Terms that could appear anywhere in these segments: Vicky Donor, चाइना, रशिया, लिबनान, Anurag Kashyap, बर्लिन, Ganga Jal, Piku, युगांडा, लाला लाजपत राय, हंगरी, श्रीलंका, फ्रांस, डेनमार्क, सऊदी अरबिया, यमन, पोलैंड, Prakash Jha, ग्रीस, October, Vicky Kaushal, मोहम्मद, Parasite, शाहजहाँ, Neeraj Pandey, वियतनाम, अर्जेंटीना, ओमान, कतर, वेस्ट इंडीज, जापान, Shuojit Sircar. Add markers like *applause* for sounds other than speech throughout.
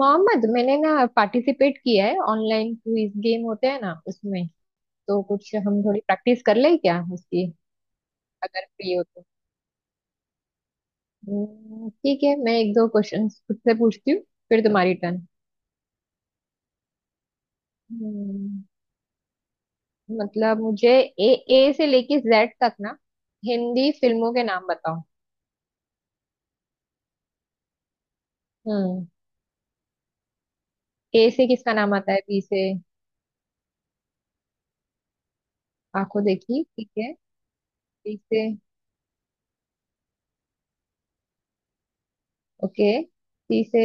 मोहम्मद, मैंने ना पार्टिसिपेट किया है। ऑनलाइन क्विज गेम होते हैं ना, उसमें तो कुछ हम थोड़ी प्रैक्टिस कर ले क्या उसकी, अगर फ्री हो तो। ठीक है, मैं एक दो क्वेश्चंस खुद से पूछती हूँ, फिर तुम्हारी टर्न। हम्म, मतलब मुझे ए ए से लेके जेड तक ना हिंदी फिल्मों के नाम बताओ। हम्म। ए से किसका नाम आता है, बी से? आंखों देखी, ठीक है। बी से? ओके, सी से?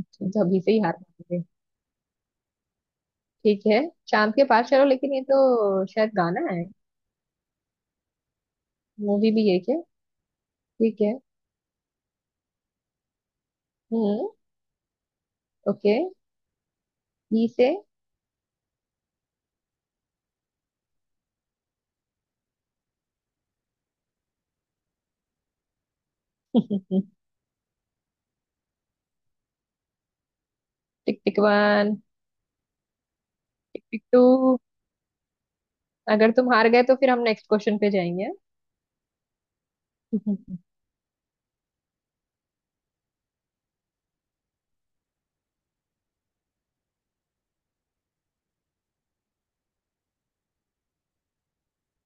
तो अभी से ही हार मान गए? ठीक है, चांद के पार चलो, लेकिन ये तो शायद गाना है। मूवी भी है क्या? ठीक है। हम्म। ओके। ई से? हम्म, tick tick one, tick tick two. अगर तुम हार गए तो फिर हम नेक्स्ट क्वेश्चन पे जाएंगे। हम्म,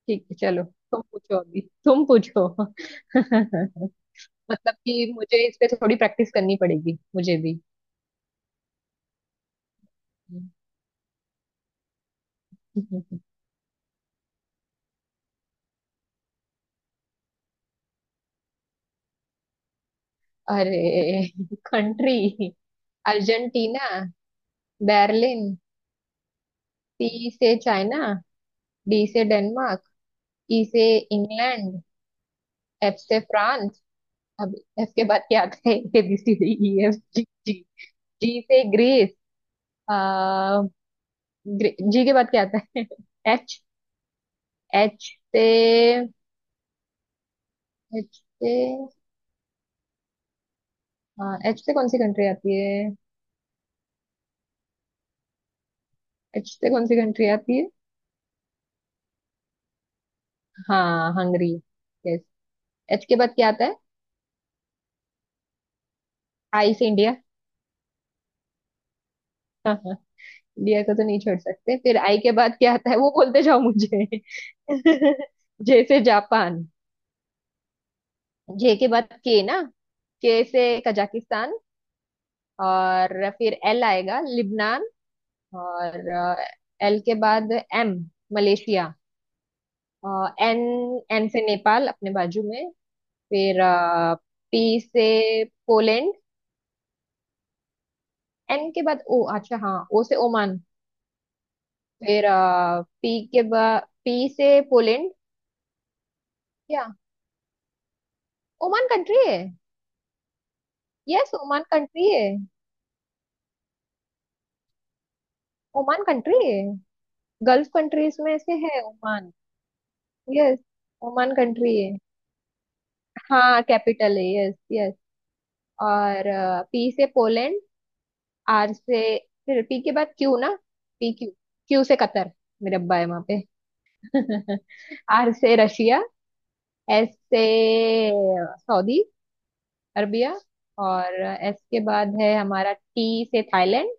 ठीक है, चलो तुम पूछो, अभी तुम पूछो। *laughs* मतलब कि मुझे इस पे थोड़ी प्रैक्टिस करनी पड़ेगी, मुझे भी। *laughs* अरे, कंट्री? अर्जेंटीना। बर्लिन। सी से चाइना। डी से डेनमार्क। ई से इंग्लैंड। एफ से फ्रांस। अब एफ के बाद क्या आता है? A B C D E F G G जी *laughs* से ग्रीस। आ, जी के बाद क्या आता है? *laughs* एच एच से, एच से, हाँ एच से कौन सी कंट्री आती है? एच से कौन सी कंट्री आती है? हाँ हंगरी। यस। एच के बाद क्या आता है? आई से इंडिया। हाँ हाँ, इंडिया *laughs* को तो नहीं छोड़ सकते। फिर आई के बाद क्या आता है वो बोलते जाओ मुझे। *laughs* जैसे जापान। जे के बाद के ना? के से कजाकिस्तान। और फिर एल आएगा, लिबनान। और एल के बाद एम मलेशिया। एन एन से नेपाल, अपने बाजू में। फिर पी से पोलैंड। एन के बाद ओ अच्छा हाँ, ओ से ओमान। फिर पी के बाद पी से पोलैंड। क्या? ओमान कंट्री है। यस, ओमान कंट्री है। ओमान कंट्री है, गल्फ कंट्रीज में से है ओमान। यस, ओमान कंट्री है। हाँ कैपिटल है, यस यस। और पी से पोलैंड। आर से, फिर पी के बाद क्यू ना? पी क्यू क्यू से कतर, मेरे अब्बा है वहां पे। *laughs* आर से रशिया। एस से सऊदी अरबिया। और एस के बाद है हमारा टी से थाईलैंड।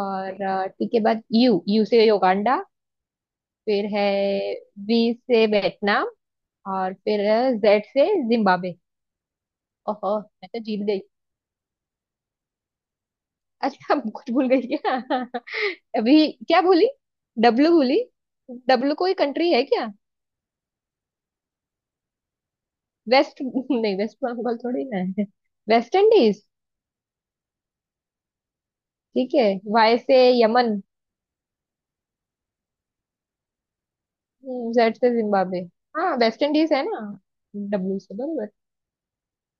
और टी के बाद यू यू से युगांडा। फिर है वी से वियतनाम। और फिर जेड से जिम्बाब्वे। ओहो, मैं तो जीत गई। अच्छा, *laughs* कुछ भूल गई क्या? अभी क्या बोली? डब्लू बोली? डब्लू कोई कंट्री है क्या? वेस्ट *laughs* नहीं, वेस्ट बंगाल थोड़ी ना है। वेस्ट इंडीज। ठीक है। वाई से यमन। जेड से जिम्बाब्वे। हाँ वेस्ट इंडीज है ना, डब्लू से, बराबर।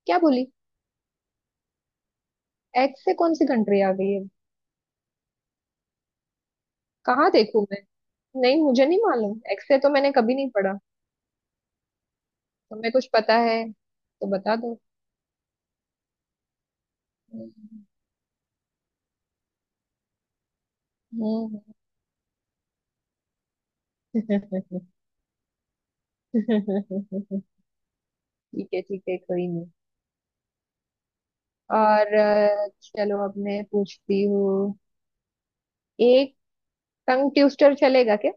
क्या बोली? एक्स से कौन सी कंट्री आ गई है? कहाँ देखूं मैं? नहीं, मुझे नहीं मालूम, एक्स से तो मैंने कभी नहीं पढ़ा। तुम्हें कुछ पता है तो बता दो। हम्म। हम्म। *laughs* ठीक है ठीक है, कोई नहीं। और चलो अब मैं पूछती हूँ। एक टंग ट्विस्टर चलेगा क्या?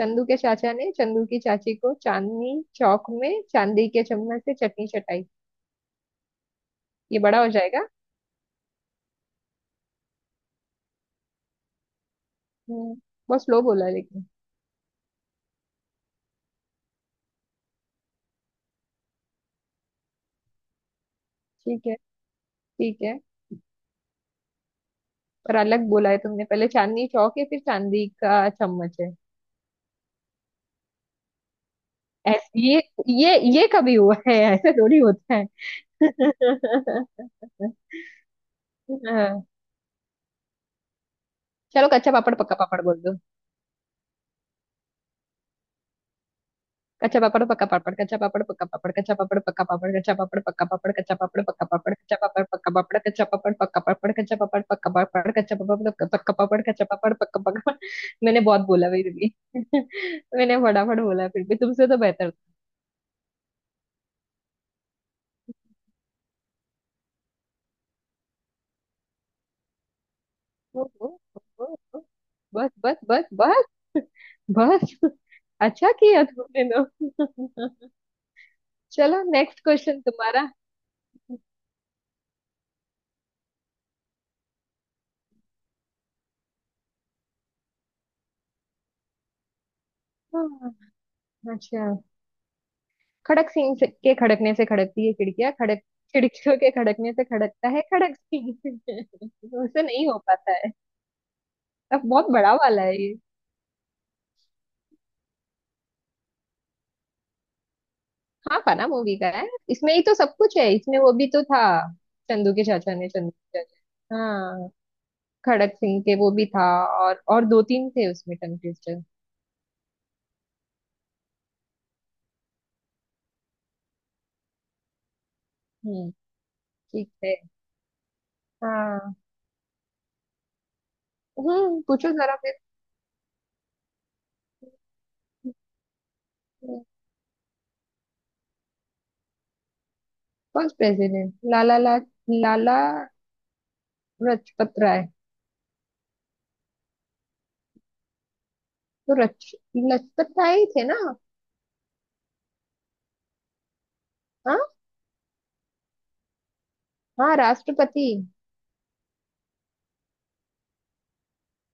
चंदू के चाचा ने चंदू की चाची को चांदनी चौक में चांदी के चम्मच से चटनी चटाई। ये बड़ा हो जाएगा। हम्म। बहुत स्लो बोला लेकिन। ठीक है, ठीक है, पर अलग बोला है तुमने, पहले चांदनी चौक है फिर चांदी का चम्मच है। ऐसे ये, ये कभी हुआ है? ऐसे थोड़ी होता है। *laughs* हाँ, चलो कच्चा पापड़ पक्का पापड़ बोल दो। कच्चा पापड़ पक्का पापड़ कच्चा पापड़ पक्का पापड़ कच्चा पापड़ पक्का पापड़ कच्चा पापड़ पक्का पापड़ कच्चा पापड़ पक्का पापड़ कच्चा पापड़ पक्का पापड़ कच्चा पापड़ पक्का पापड़ कच्चा पापड़ पक्का पापड़ कच्चा पापड़ पक्का पापड़ कच्चा पापड़ पक्का पापड़। मैंने बहुत बोला फिर भी, मैंने फटाफट बोला, फिर भी तुमसे तो बेहतर। ओ, ओ, ओ, ओ, बस बस बस बस, बस। अच्छा किया तुमने तो। चलो नेक्स्ट क्वेश्चन तुम्हारा। हाँ, अच्छा। खड़क सिंह से के खड़कने से खड़कती है खिड़कियां, खड़क, खिड़कियों के खड़कने से खड़कता है खड़क सिंह। *laughs* उसे नहीं हो पाता है, अब बहुत बड़ा वाला है ये। हाँ फना मूवी का है, इसमें ही तो सब कुछ है, इसमें वो भी तो था, चंदू के चाचा ने, चंदू के चाचा, हाँ। खड़क सिंह के, वो भी था। और दो तीन थे उसमें टंग ट्विस्टर। हम्म, ठीक है हाँ। हम्म, पूछो जरा फिर। हम्म, कौन प्रेसिडेंट? लाला ला, लाला, लाला लजपत राय। तो रच लजपत राय ही थे ना? हाँ, हाँ राष्ट्रपति।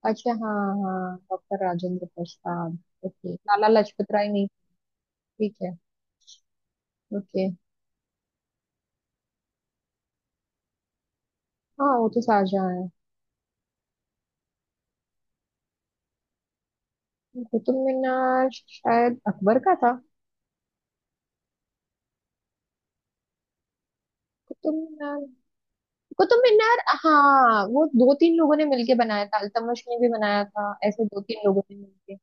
अच्छा हाँ, हाँ डॉक्टर राजेंद्र प्रसाद। ओके, लाला लाजपत राय नहीं। ठीक है। ओके। हाँ वो तो शाहजहाँ है। कुतुब मीनार शायद अकबर का था। कुतुब मीनार, कुतुब मीनार, हाँ वो दो तीन लोगों ने मिलके बनाया था, अल्तमश ने भी बनाया था, ऐसे दो तीन लोगों ने मिलके।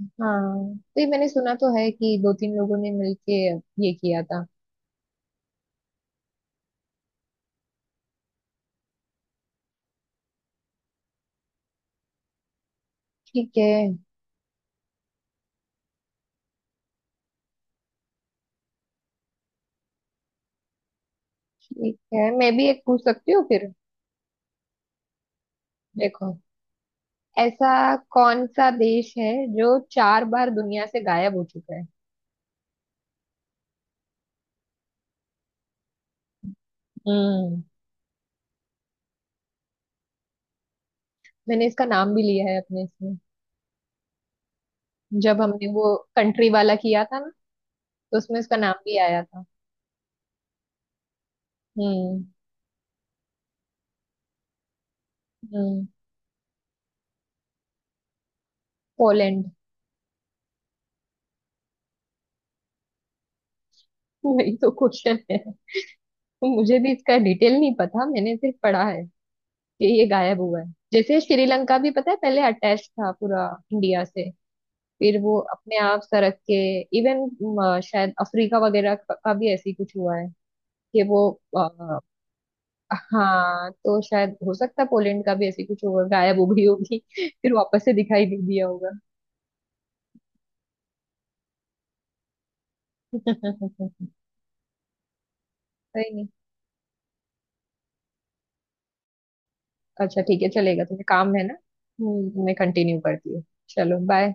हाँ तो ये मैंने सुना तो है कि दो तीन लोगों ने मिलके ये किया था। ठीक है। ठीक है, मैं भी एक पूछ सकती हूँ फिर। देखो, ऐसा कौन सा देश है जो चार बार दुनिया से गायब हो चुका है? हम्म। मैंने इसका नाम भी लिया है अपने इसमें, जब हमने वो कंट्री वाला किया था ना, तो उसमें इसका नाम भी आया था। हम्म। हम्म। पोलैंड। वही तो क्वेश्चन है, मुझे भी इसका डिटेल नहीं पता, मैंने सिर्फ पढ़ा है कि ये गायब हुआ है। जैसे श्रीलंका भी, पता है, पहले अटैच था पूरा इंडिया से, फिर वो अपने आप सरक के, इवन शायद अफ्रीका वगैरह का भी ऐसी कुछ हुआ है कि वो। हाँ तो शायद हो सकता है पोलैंड का भी ऐसे कुछ होगा, गायब हो गई होगी *laughs* फिर वापस से दिखाई दे दिया होगा। *laughs* सही। नहीं। अच्छा ठीक है, चलेगा, तुम्हें काम है ना। मैं कंटिन्यू करती हूँ। चलो बाय।